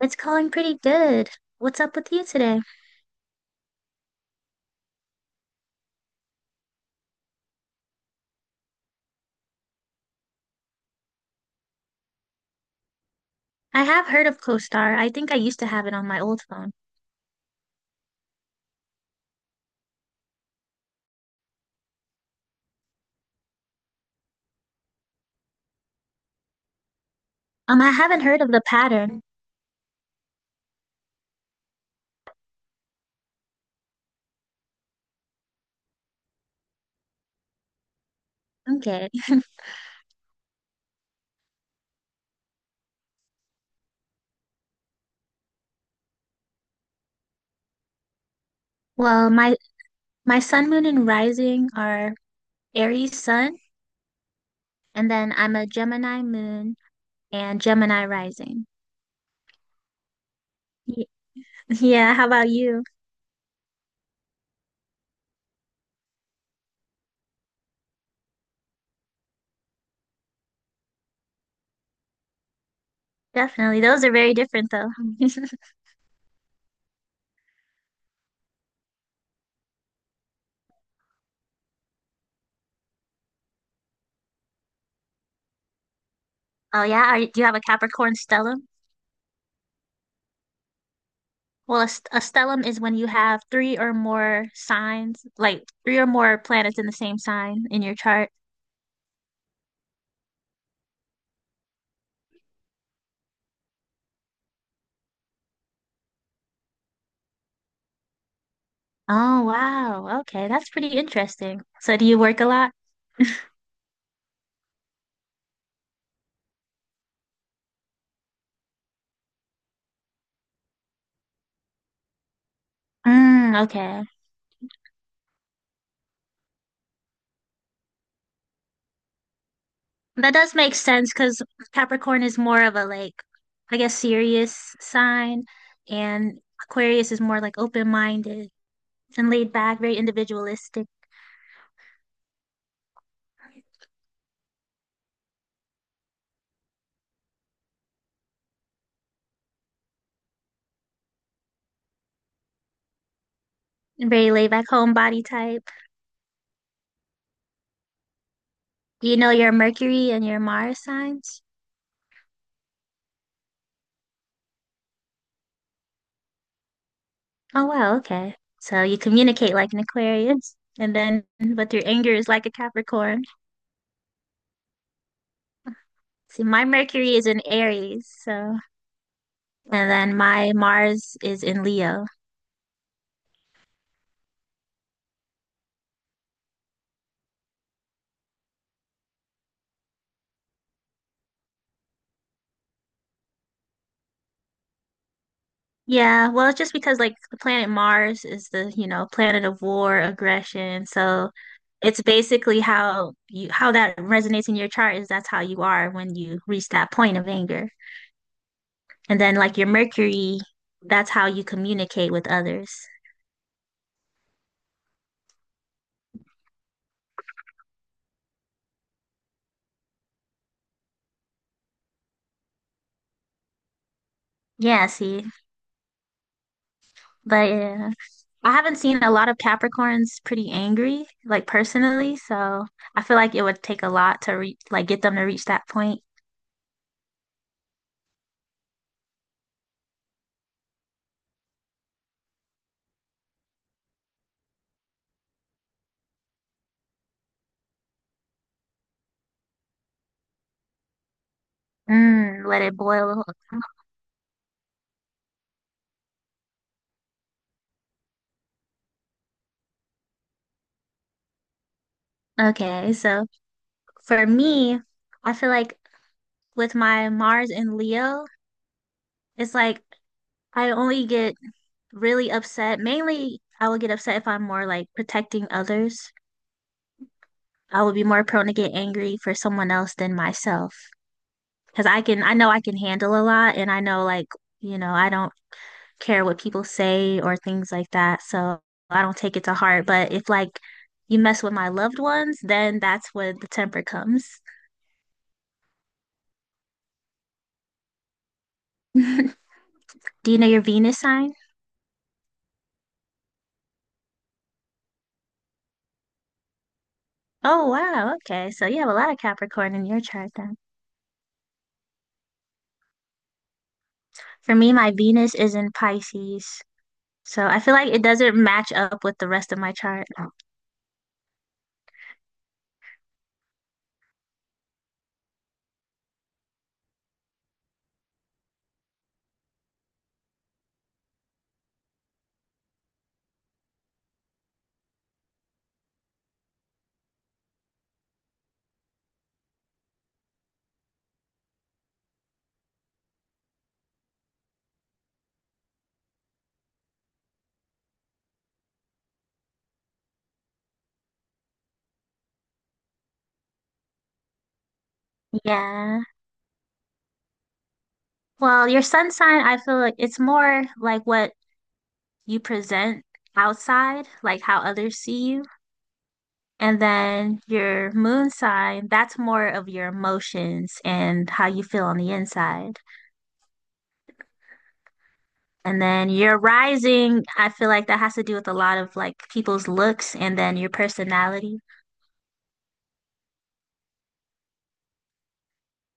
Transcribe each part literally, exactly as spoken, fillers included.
It's calling pretty good. What's up with you today? I have heard of CoStar. I think I used to have it on my old phone. Um, I haven't heard of the pattern. Okay. Well, my my sun, moon, and rising are Aries sun, and then I'm a Gemini moon and Gemini rising. Ye- Yeah, how about you? Definitely. Those are very different though. Oh yeah, are, you- do you have a Capricorn stellium? Well, a, st- a stellium is when you have three or more signs, like three or more planets in the same sign in your chart. Oh, wow. Okay, that's pretty interesting. So do you work a lot? Mm, okay. That does make sense because Capricorn is more of a like, I guess, serious sign, and Aquarius is more like open-minded and laid back, very individualistic, and very laid back homebody type. Do you know your Mercury and your Mars signs? Oh, wow, okay. So you communicate like an Aquarius, and then but your anger is like a Capricorn. See, my Mercury is in Aries, so. And then my Mars is in Leo. Yeah, well, it's just because like the planet Mars is the, you know, planet of war, aggression. So it's basically how you how that resonates in your chart is that's how you are when you reach that point of anger. And then like your Mercury, that's how you communicate with others. Yeah, see. But yeah. I haven't seen a lot of Capricorns pretty angry, like personally, so I feel like it would take a lot to re like get them to reach that point. Mm, let it boil. Okay, so for me, I feel like with my Mars and Leo, it's like I only get really upset. Mainly, I will get upset if I'm more like protecting others. I will be more prone to get angry for someone else than myself because I can, I know I can handle a lot and I know like, you know, I don't care what people say or things like that. So I don't take it to heart. But if like you mess with my loved ones, then that's where the temper comes. Do you know your Venus sign? Oh, wow. Okay. So you have a lot of Capricorn in your chart then. For me, my Venus is in Pisces. So I feel like it doesn't match up with the rest of my chart. Yeah. Well, your sun sign, I feel like it's more like what you present outside, like how others see you. And then your moon sign, that's more of your emotions and how you feel on the inside. And then your rising, I feel like that has to do with a lot of like people's looks and then your personality.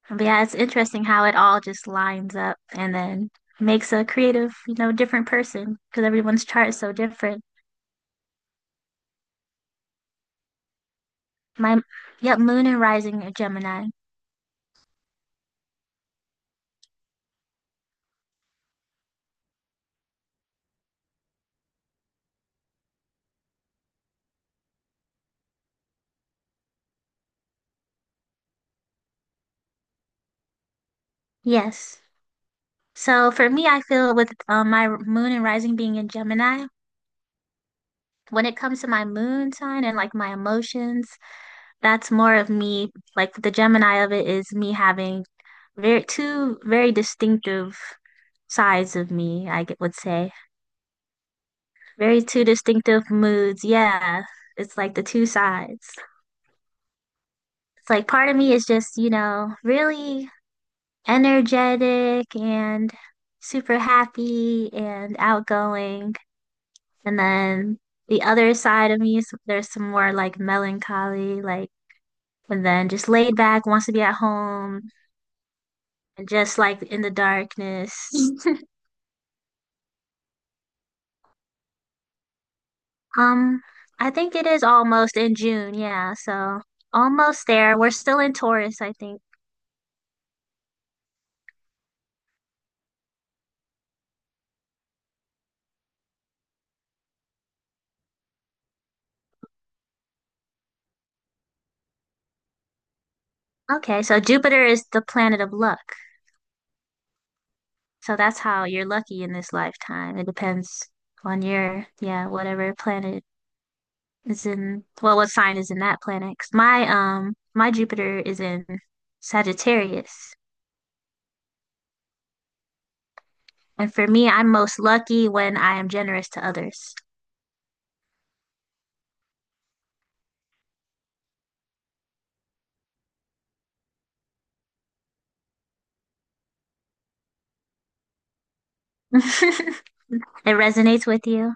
But yeah, it's interesting how it all just lines up and then makes a creative, you know, different person because everyone's chart is so different. My, yep, moon and rising are Gemini. Yes. So for me, I feel with um, my moon and rising being in Gemini, when it comes to my moon sign and like my emotions, that's more of me, like the Gemini of it is me having very two very distinctive sides of me, I g- would say. Very two distinctive moods. Yeah, it's like the two sides. It's like part of me is just, you know, really energetic and super happy and outgoing. And then the other side of me is there's some more like melancholy, like, and then just laid back, wants to be at home and just like in the darkness. Um, I think it is almost in June, yeah, so almost there. We're still in Taurus, I think. Okay, so Jupiter is the planet of luck. So that's how you're lucky in this lifetime. It depends on your, yeah, whatever planet is in, well, what sign is in that planet. 'Cause my um my Jupiter is in Sagittarius. And for me, I'm most lucky when I am generous to others. It resonates with you.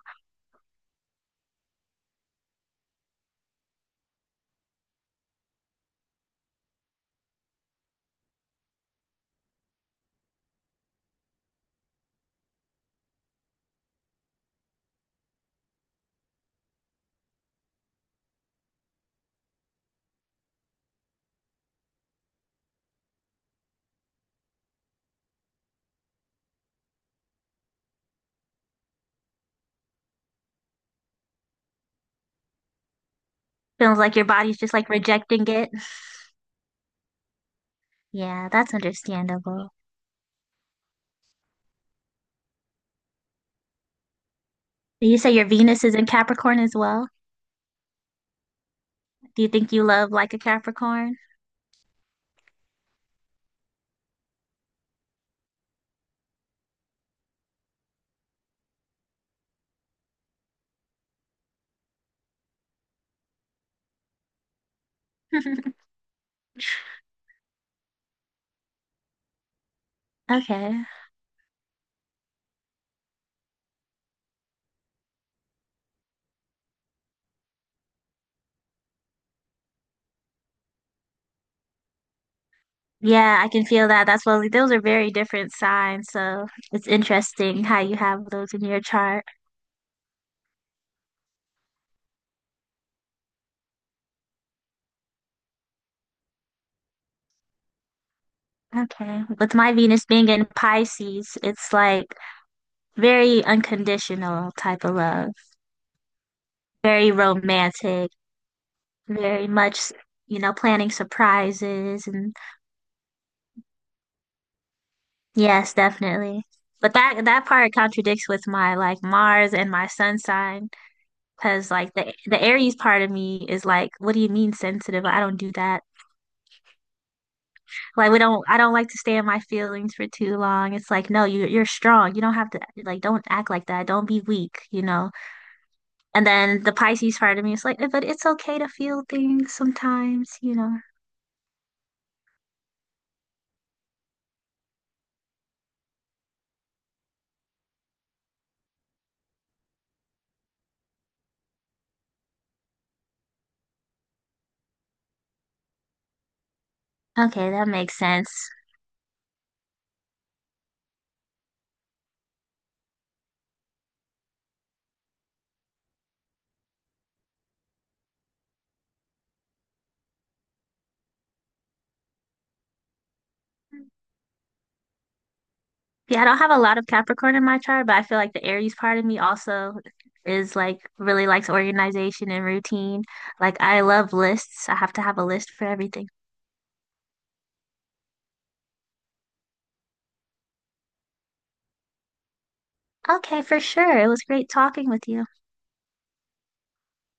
Feels like your body's just like rejecting it. Yeah, that's understandable. You say your Venus is in Capricorn as well. Do you think you love like a Capricorn? Okay. Yeah, I can feel that. That's well, those are very different signs, so it's interesting how you have those in your chart. Okay. With my Venus being in Pisces, it's like very unconditional type of love, very romantic, very much, you know, planning surprises and yes, definitely. But that that part contradicts with my like Mars and my sun sign because like the the Aries part of me is like, what do you mean sensitive? I don't do that. Like we don't I don't like to stay in my feelings for too long. It's like, no, you you're strong. You don't have to like don't act like that. Don't be weak, you know. And then the Pisces part of me is like, "Eh, but it's okay to feel things sometimes, you know. Okay, that makes sense. Yeah, I don't have a lot of Capricorn in my chart, but I feel like the Aries part of me also is like really likes organization and routine. Like I love lists. I have to have a list for everything. Okay, for sure. It was great talking with you.